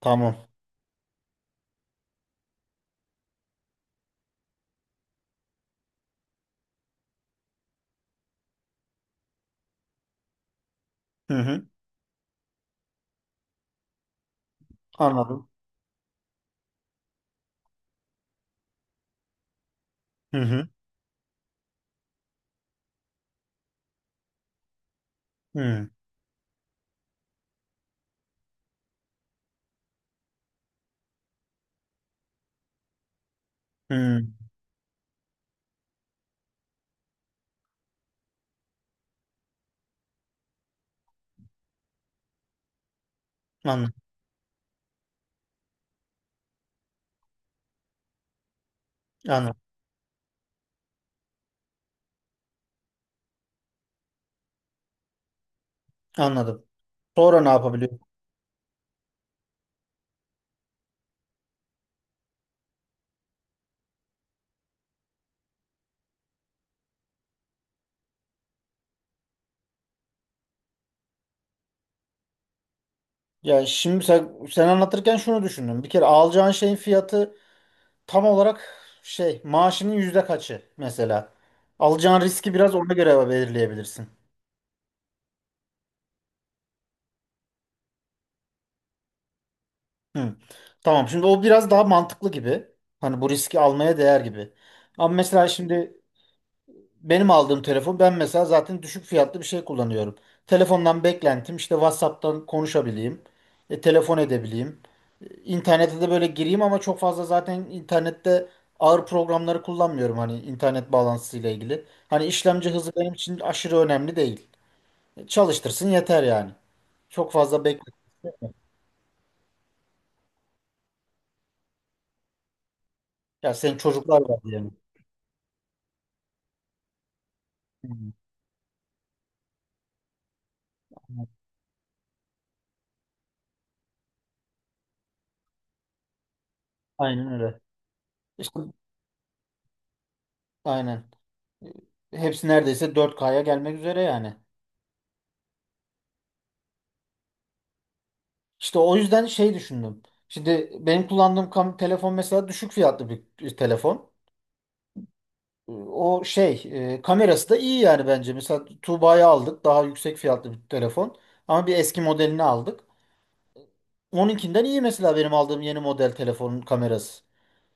Tamam. Hı hı. Anladım. Hı hı. Hı hı. Anladım. Anladım. Anladım. Sonra ne yapabiliyorum? Ya şimdi sen anlatırken şunu düşündüm. Bir kere alacağın şeyin fiyatı tam olarak şey maaşının yüzde kaçı mesela. Alacağın riski biraz ona göre belirleyebilirsin. Hı. Tamam. Şimdi o biraz daha mantıklı gibi. Hani bu riski almaya değer gibi. Ama mesela şimdi benim aldığım telefon ben mesela zaten düşük fiyatlı bir şey kullanıyorum. Telefondan beklentim işte WhatsApp'tan konuşabileyim, telefon edebileyim. E, İnternete de böyle gireyim ama çok fazla zaten internette ağır programları kullanmıyorum hani internet bağlantısıyla ilgili. Hani işlemci hızı benim için aşırı önemli değil. E, çalıştırsın yeter yani. Çok fazla bekle. Ya senin çocuklar var diyelim. Hı, aynen öyle. İşte aynen. E, hepsi neredeyse 4K'ya gelmek üzere yani. İşte o yüzden şey düşündüm. Şimdi benim kullandığım telefon mesela düşük fiyatlı bir telefon. O şey, kamerası da iyi yani bence. Mesela Tuğba'yı aldık daha yüksek fiyatlı bir telefon. Ama bir eski modelini aldık. Onunkinden iyi mesela benim aldığım yeni model telefonun kamerası.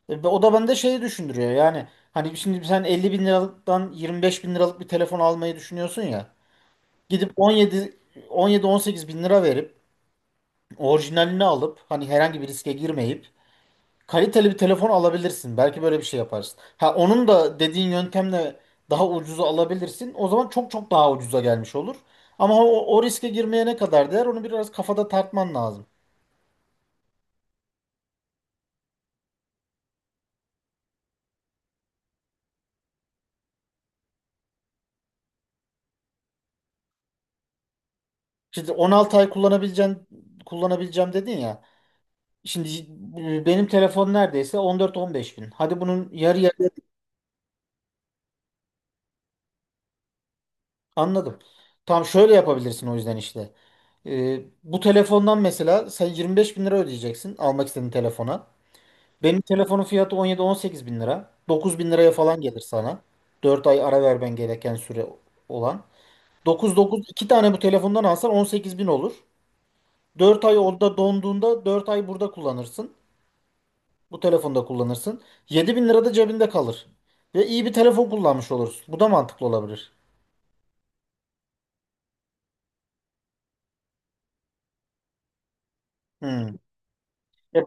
E, o da bende şeyi düşündürüyor yani. Hani şimdi sen 50 bin liralıktan 25 bin liralık bir telefon almayı düşünüyorsun ya. Gidip 17, 17-18 bin lira verip orijinalini alıp hani herhangi bir riske girmeyip kaliteli bir telefon alabilirsin. Belki böyle bir şey yaparsın. Ha, onun da dediğin yöntemle daha ucuza alabilirsin. O zaman çok çok daha ucuza gelmiş olur. Ama o riske girmeye ne kadar değer onu biraz kafada tartman lazım. Şimdi 16 ay kullanabileceğim dedin ya. Şimdi benim telefon neredeyse 14-15 bin. Hadi bunun yarı yarıya. Anladım. Tamam şöyle yapabilirsin o yüzden işte. E, bu telefondan mesela sen 25 bin lira ödeyeceksin almak istediğin telefona. Benim telefonun fiyatı 17-18 bin lira. 9 bin liraya falan gelir sana. 4 ay ara vermen gereken süre olan. 9-9, 2 tane bu telefondan alsan 18 bin olur. 4 ay orada donduğunda 4 ay burada kullanırsın. Bu telefonda kullanırsın. 7 bin lira da cebinde kalır. Ve iyi bir telefon kullanmış olursun. Bu da mantıklı olabilir. Hmm. E-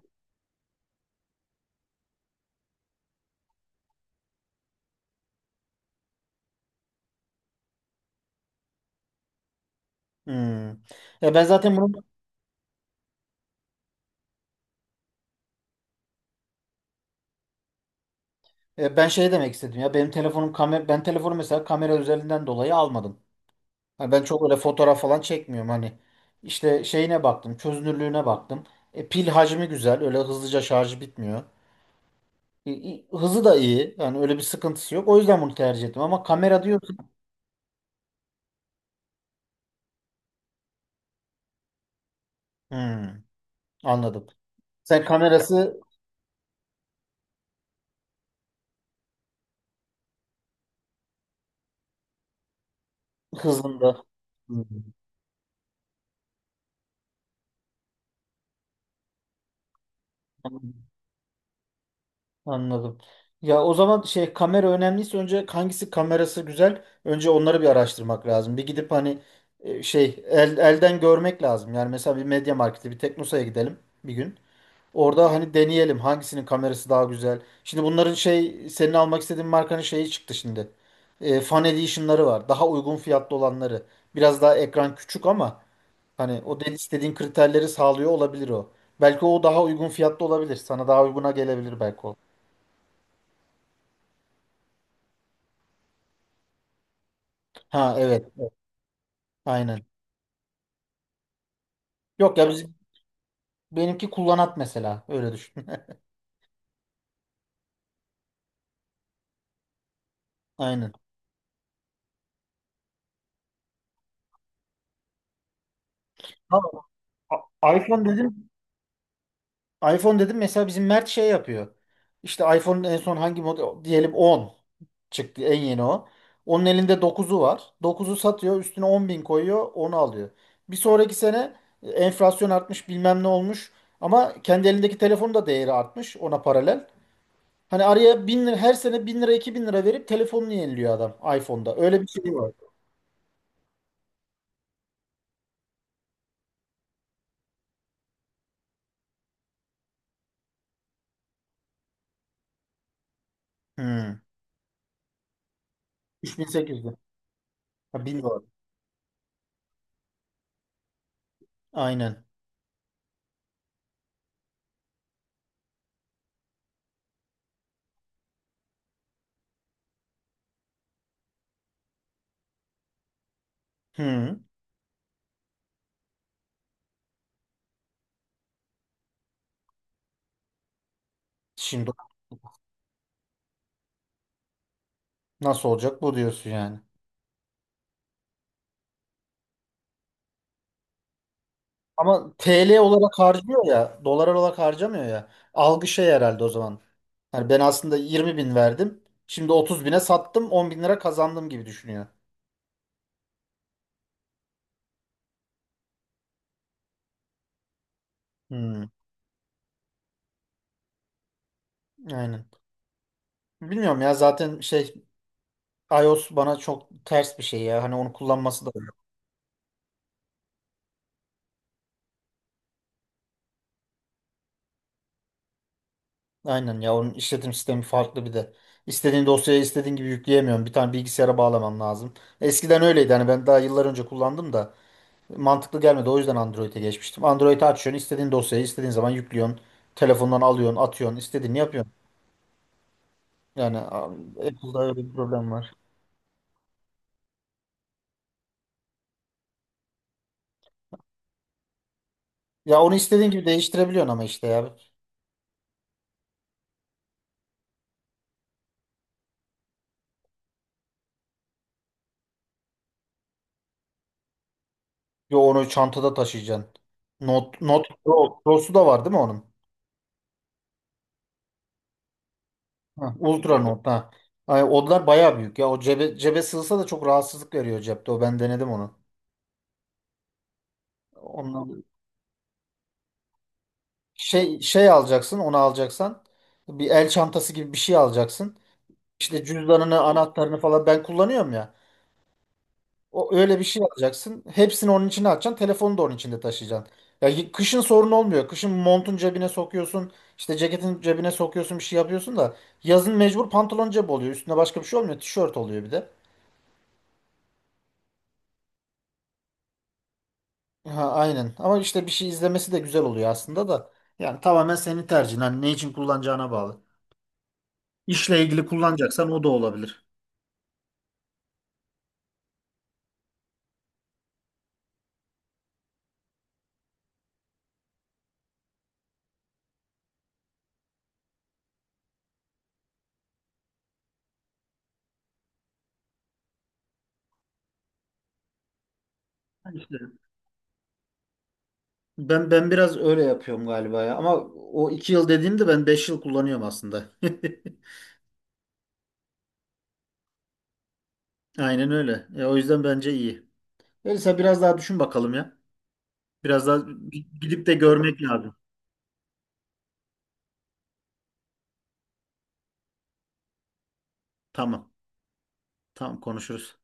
Hmm. E, ben zaten bunu, ben şey demek istedim ya. Benim telefonum kamera, ben telefonu mesela kamera özelliğinden dolayı almadım. Hani ben çok öyle fotoğraf falan çekmiyorum hani. İşte şeyine baktım, çözünürlüğüne baktım. E, pil hacmi güzel, öyle hızlıca şarjı bitmiyor. Hızı da iyi, yani öyle bir sıkıntısı yok. O yüzden bunu tercih ettim ama kamera diyorsun. Hmm, anladım. Sen kamerası hızında. Hmm, anladım. Ya o zaman şey, kamera önemliyse önce hangisi kamerası güzel? Önce onları bir araştırmak lazım. Bir gidip hani şey elden görmek lazım. Yani mesela bir Media Markt'e, bir Teknosa'ya gidelim bir gün. Orada hani deneyelim hangisinin kamerası daha güzel. Şimdi bunların şey senin almak istediğin markanın şeyi çıktı şimdi. E, Fan Edition'ları var. Daha uygun fiyatlı olanları. Biraz daha ekran küçük ama hani o dediğin istediğin kriterleri sağlıyor olabilir o. Belki o daha uygun fiyatlı olabilir. Sana daha uyguna gelebilir belki o. Ha, evet. Evet. Aynen. Yok ya, biz benimki kullanat mesela. Öyle düşün. Aynen. Tamam. A- iPhone dedim iPhone dedim mesela, bizim Mert şey yapıyor. İşte iPhone'un en son hangi model diyelim, 10 çıktı en yeni o. Onun elinde dokuzu var. Dokuzu satıyor, üstüne 10 bin koyuyor, onu alıyor. Bir sonraki sene enflasyon artmış, bilmem ne olmuş. Ama kendi elindeki telefonun da değeri artmış ona paralel. Hani araya 1.000 lira, her sene 1.000 lira, 2.000 lira verip telefonunu yeniliyor adam iPhone'da. Öyle bir şey var. Hmm. 3.800. Ha, 1.000 dolar. Aynen. Hmm. Şimdi nasıl olacak bu diyorsun yani. Ama TL olarak harcıyor ya, dolar olarak harcamıyor ya. Algı şey herhalde o zaman. Hani ben aslında 20 bin verdim. Şimdi 30 bine sattım, 10 bin lira kazandım gibi düşünüyor. Hmm, aynen. Bilmiyorum ya, zaten şey, iOS bana çok ters bir şey ya. Hani onu kullanması da öyle. Aynen ya, onun işletim sistemi farklı bir de. İstediğin dosyayı istediğin gibi yükleyemiyorum. Bir tane bilgisayara bağlaman lazım. Eskiden öyleydi hani, ben daha yıllar önce kullandım da. Mantıklı gelmedi. O yüzden Android'e geçmiştim. Android'i açıyorsun, istediğin dosyayı istediğin zaman yüklüyorsun. Telefondan alıyorsun, atıyorsun, istediğini yapıyorsun. Yani Apple'da öyle bir problem var. Ya onu istediğin gibi değiştirebiliyorsun ama işte ya. Yo, onu çantada taşıyacaksın. Note, Note Pro, Pro'su da var değil mi onun? Ha, Ultra Note ha. Ay, onlar bayağı büyük ya. O cebe sığsa da çok rahatsızlık veriyor cepte. O, ben denedim onu. Ondan şey alacaksın, onu alacaksan bir el çantası gibi bir şey alacaksın. İşte cüzdanını, anahtarını falan ben kullanıyorum ya. O öyle bir şey alacaksın. Hepsini onun içine atacaksın. Telefonu da onun içinde taşıyacaksın. Ya kışın sorun olmuyor. Kışın montun cebine sokuyorsun. İşte ceketin cebine sokuyorsun, bir şey yapıyorsun da yazın mecbur pantolon cebi oluyor. Üstüne başka bir şey olmuyor. Tişört oluyor bir de. Ha, aynen. Ama işte bir şey izlemesi de güzel oluyor aslında da. Yani tamamen senin tercihin. Hani ne için kullanacağına bağlı. İşle ilgili kullanacaksan o da olabilir. İşte. Ben biraz öyle yapıyorum galiba ya. Ama o 2 yıl dediğimde ben 5 yıl kullanıyorum aslında. Aynen öyle. E, o yüzden bence iyi. Elisa biraz daha düşün bakalım ya. Biraz daha gidip de görmek lazım. Tamam. Tamam konuşuruz.